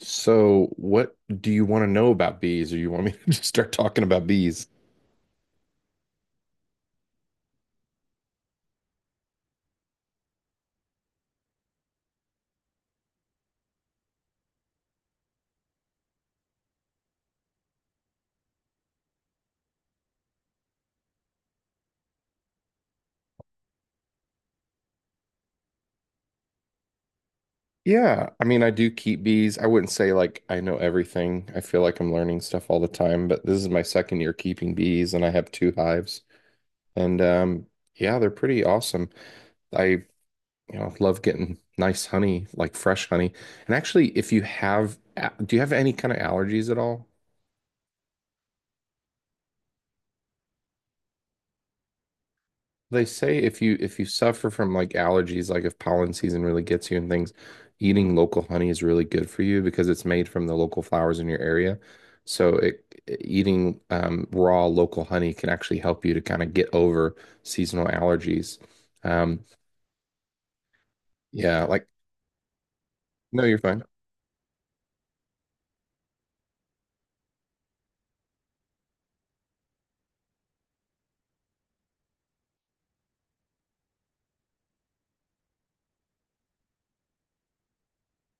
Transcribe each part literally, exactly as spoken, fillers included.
So, what do you want to know about bees, or you want me to just start talking about bees? Yeah, I mean, I do keep bees. I wouldn't say like I know everything. I feel like I'm learning stuff all the time, but this is my second year keeping bees, and I have two hives. And um, yeah, they're pretty awesome. I, you know, love getting nice honey, like fresh honey. And actually, if you have, a- do you have any kind of allergies at all? They say if you if you suffer from like allergies, like if pollen season really gets you and things, eating local honey is really good for you because it's made from the local flowers in your area. So it, e, eating um, raw local honey can actually help you to kind of get over seasonal allergies. Um, yeah, like no, you're fine.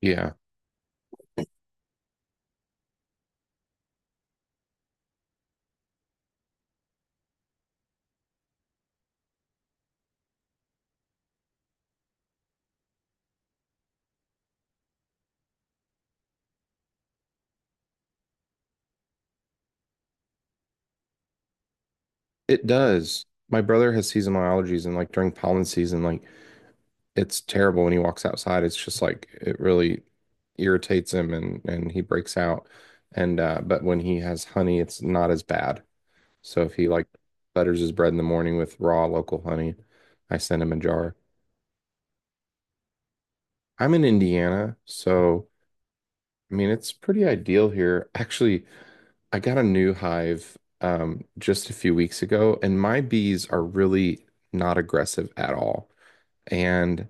Yeah, it does. My brother has seasonal allergies, and like during pollen season, like it's terrible when he walks outside. It's just like it really irritates him and and he breaks out. And uh but when he has honey, it's not as bad. So if he like butters his bread in the morning with raw local honey, I send him a jar. I'm in Indiana, so I mean it's pretty ideal here. Actually, I got a new hive um just a few weeks ago and my bees are really not aggressive at all. And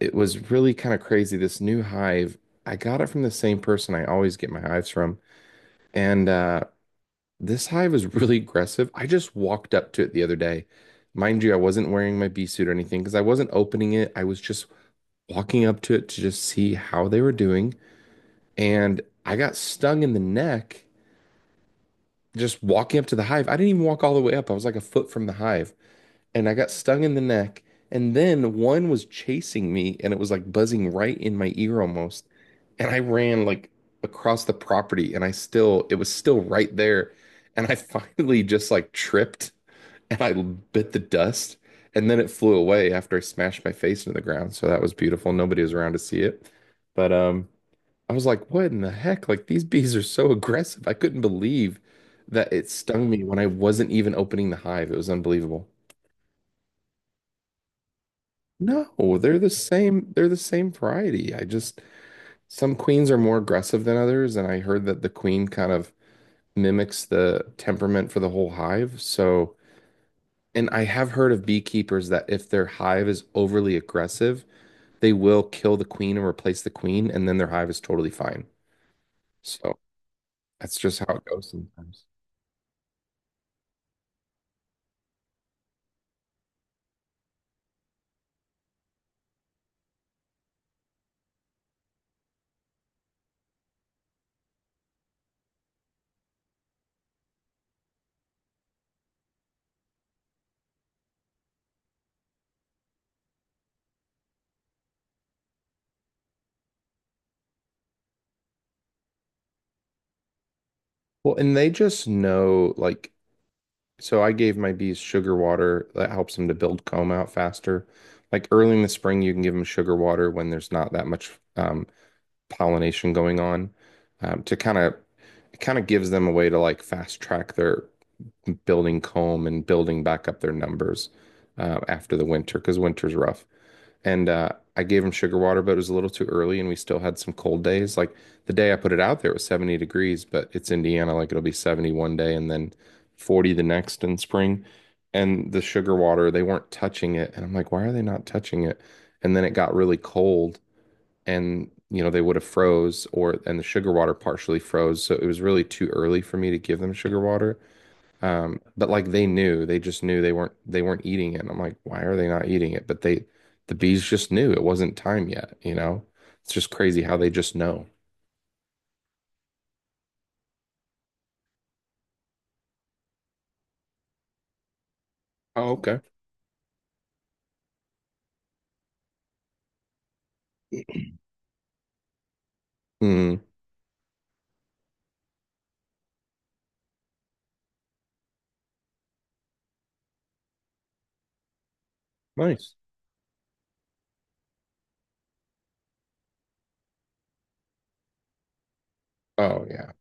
it was really kind of crazy. This new hive, I got it from the same person I always get my hives from. And uh, this hive is really aggressive. I just walked up to it the other day. Mind you, I wasn't wearing my bee suit or anything because I wasn't opening it. I was just walking up to it to just see how they were doing. And I got stung in the neck just walking up to the hive. I didn't even walk all the way up. I was like a foot from the hive. And I got stung in the neck. And then one was chasing me and it was like buzzing right in my ear almost. And I ran like across the property and I still, it was still right there. And I finally just like tripped and I bit the dust. And then it flew away after I smashed my face into the ground. So that was beautiful. Nobody was around to see it. But um, I was like, what in the heck? Like these bees are so aggressive. I couldn't believe that it stung me when I wasn't even opening the hive. It was unbelievable. No, they're the same. They're the same variety. I just Some queens are more aggressive than others, and I heard that the queen kind of mimics the temperament for the whole hive. So, and I have heard of beekeepers that if their hive is overly aggressive, they will kill the queen and replace the queen, and then their hive is totally fine. So that's just how it goes sometimes. Well, and they just know, like. So I gave my bees sugar water that helps them to build comb out faster. Like early in the spring, you can give them sugar water when there's not that much um, pollination going on um, to kind of it kind of gives them a way to like fast track their building comb and building back up their numbers uh, after the winter because winter's rough and uh, I gave him sugar water, but it was a little too early, and we still had some cold days. Like the day I put it out there, it was seventy degrees, but it's Indiana, like it'll be seventy one day and then forty the next in spring. And the sugar water, they weren't touching it, and I'm like, why are they not touching it? And then it got really cold, and you know they would have froze, or and the sugar water partially froze, so it was really too early for me to give them sugar water. Um, but like they knew, they just knew they weren't they weren't eating it. And I'm like, why are they not eating it? But they the bees just knew it wasn't time yet, you know? It's just crazy how they just know. Oh, okay. Mm, nice. Oh yeah.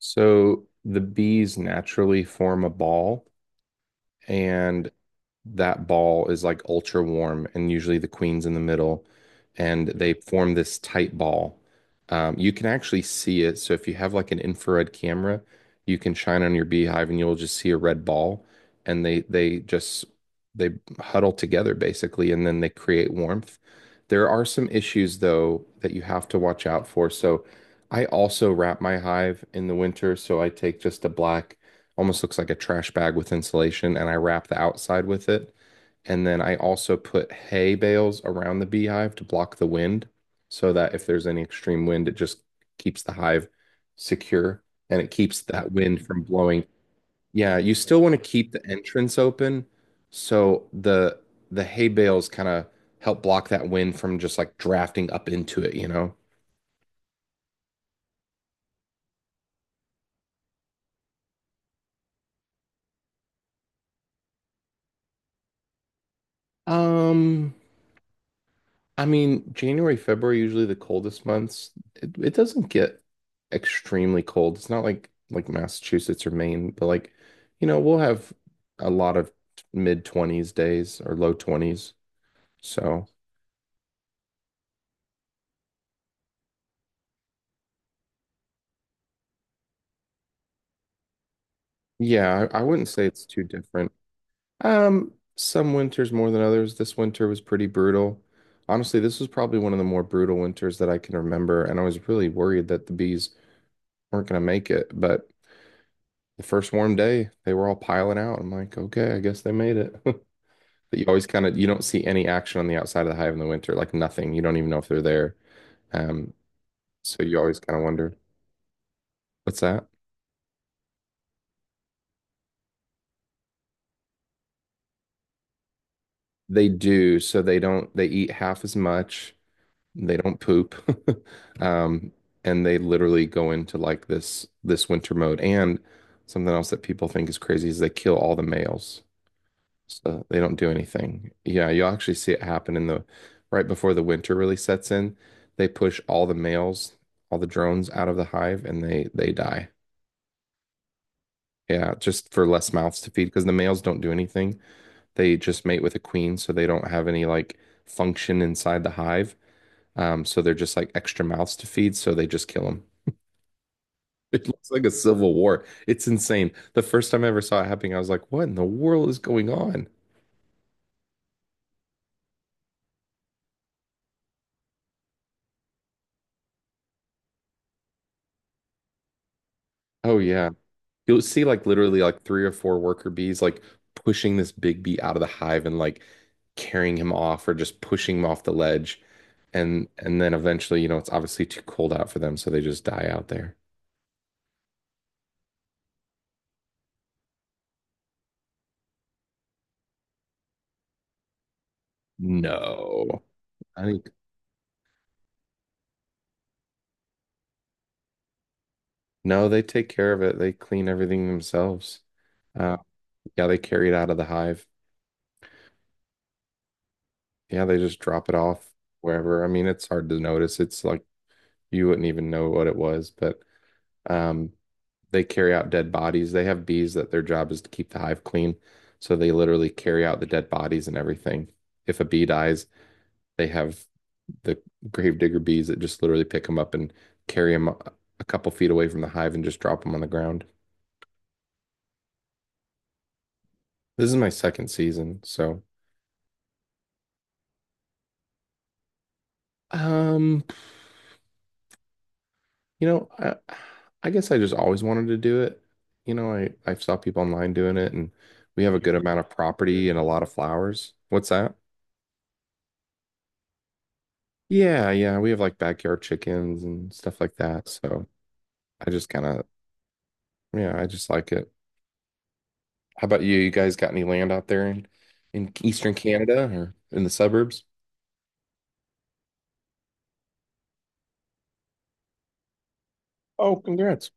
So the bees naturally form a ball and that ball is like ultra warm, and usually the queen's in the middle, and they form this tight ball. Um, you can actually see it. So if you have like an infrared camera, you can shine on your beehive, and you'll just see a red ball, and they they just they huddle together basically, and then they create warmth. There are some issues though that you have to watch out for. So I also wrap my hive in the winter, so I take just a black almost looks like a trash bag with insulation, and I wrap the outside with it. And then I also put hay bales around the beehive to block the wind so that if there's any extreme wind, it just keeps the hive secure and it keeps that wind from blowing. Yeah, you still want to keep the entrance open so the the hay bales kind of help block that wind from just like drafting up into it, you know? Um, I mean, January, February, usually the coldest months. It, it doesn't get extremely cold. It's not like like Massachusetts or Maine, but like, you know, we'll have a lot of mid twenties days or low twenties. So, yeah, I, I wouldn't say it's too different. Um, some winters more than others. This winter was pretty brutal. Honestly, this was probably one of the more brutal winters that I can remember, and I was really worried that the bees weren't going to make it, but the first warm day, they were all piling out. I'm like, okay, I guess they made it. But you always kind of you don't see any action on the outside of the hive in the winter, like nothing. You don't even know if they're there. Um, so you always kind of wonder, what's that? They do, so they don't they eat half as much, they don't poop. Um, and they literally go into like this this winter mode. And something else that people think is crazy is they kill all the males. So they don't do anything. Yeah, you'll actually see it happen in the right before the winter really sets in. They push all the males, all the drones out of the hive and they they die. Yeah, just for less mouths to feed because the males don't do anything. They just mate with a queen, so they don't have any like function inside the hive. Um, so they're just like extra mouths to feed, so they just kill them. It looks like a civil war. It's insane. The first time I ever saw it happening, I was like, what in the world is going on? Oh yeah. You'll see like literally like three or four worker bees like pushing this big bee out of the hive and like carrying him off or just pushing him off the ledge. And and then eventually, you know, it's obviously too cold out for them, so they just die out there. No. I think no, they take care of it. They clean everything themselves. Uh, yeah, they carry it out of the hive. Yeah, they just drop it off wherever. I mean, it's hard to notice. It's like you wouldn't even know what it was, but um they carry out dead bodies. They have bees that their job is to keep the hive clean. So they literally carry out the dead bodies and everything. If a bee dies, they have the gravedigger bees that just literally pick them up and carry them a couple feet away from the hive and just drop them on the ground. This is my second season, so um, you know, I, I guess I just always wanted to do it. You know, I I saw people online doing it, and we have a good amount of property and a lot of flowers. What's that? Yeah, yeah, we have like backyard chickens and stuff like that. So I just kind of, yeah, I just like it. How about you? You guys got any land out there in in Eastern Canada or in the suburbs? Oh, congrats.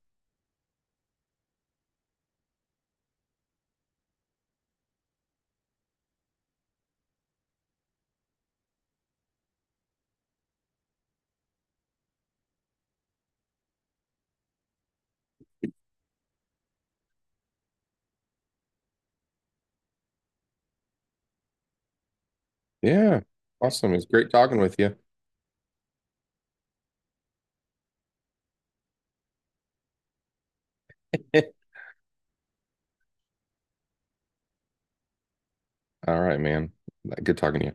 Yeah. Awesome. It's great talking with you. All right, man. Good talking to you.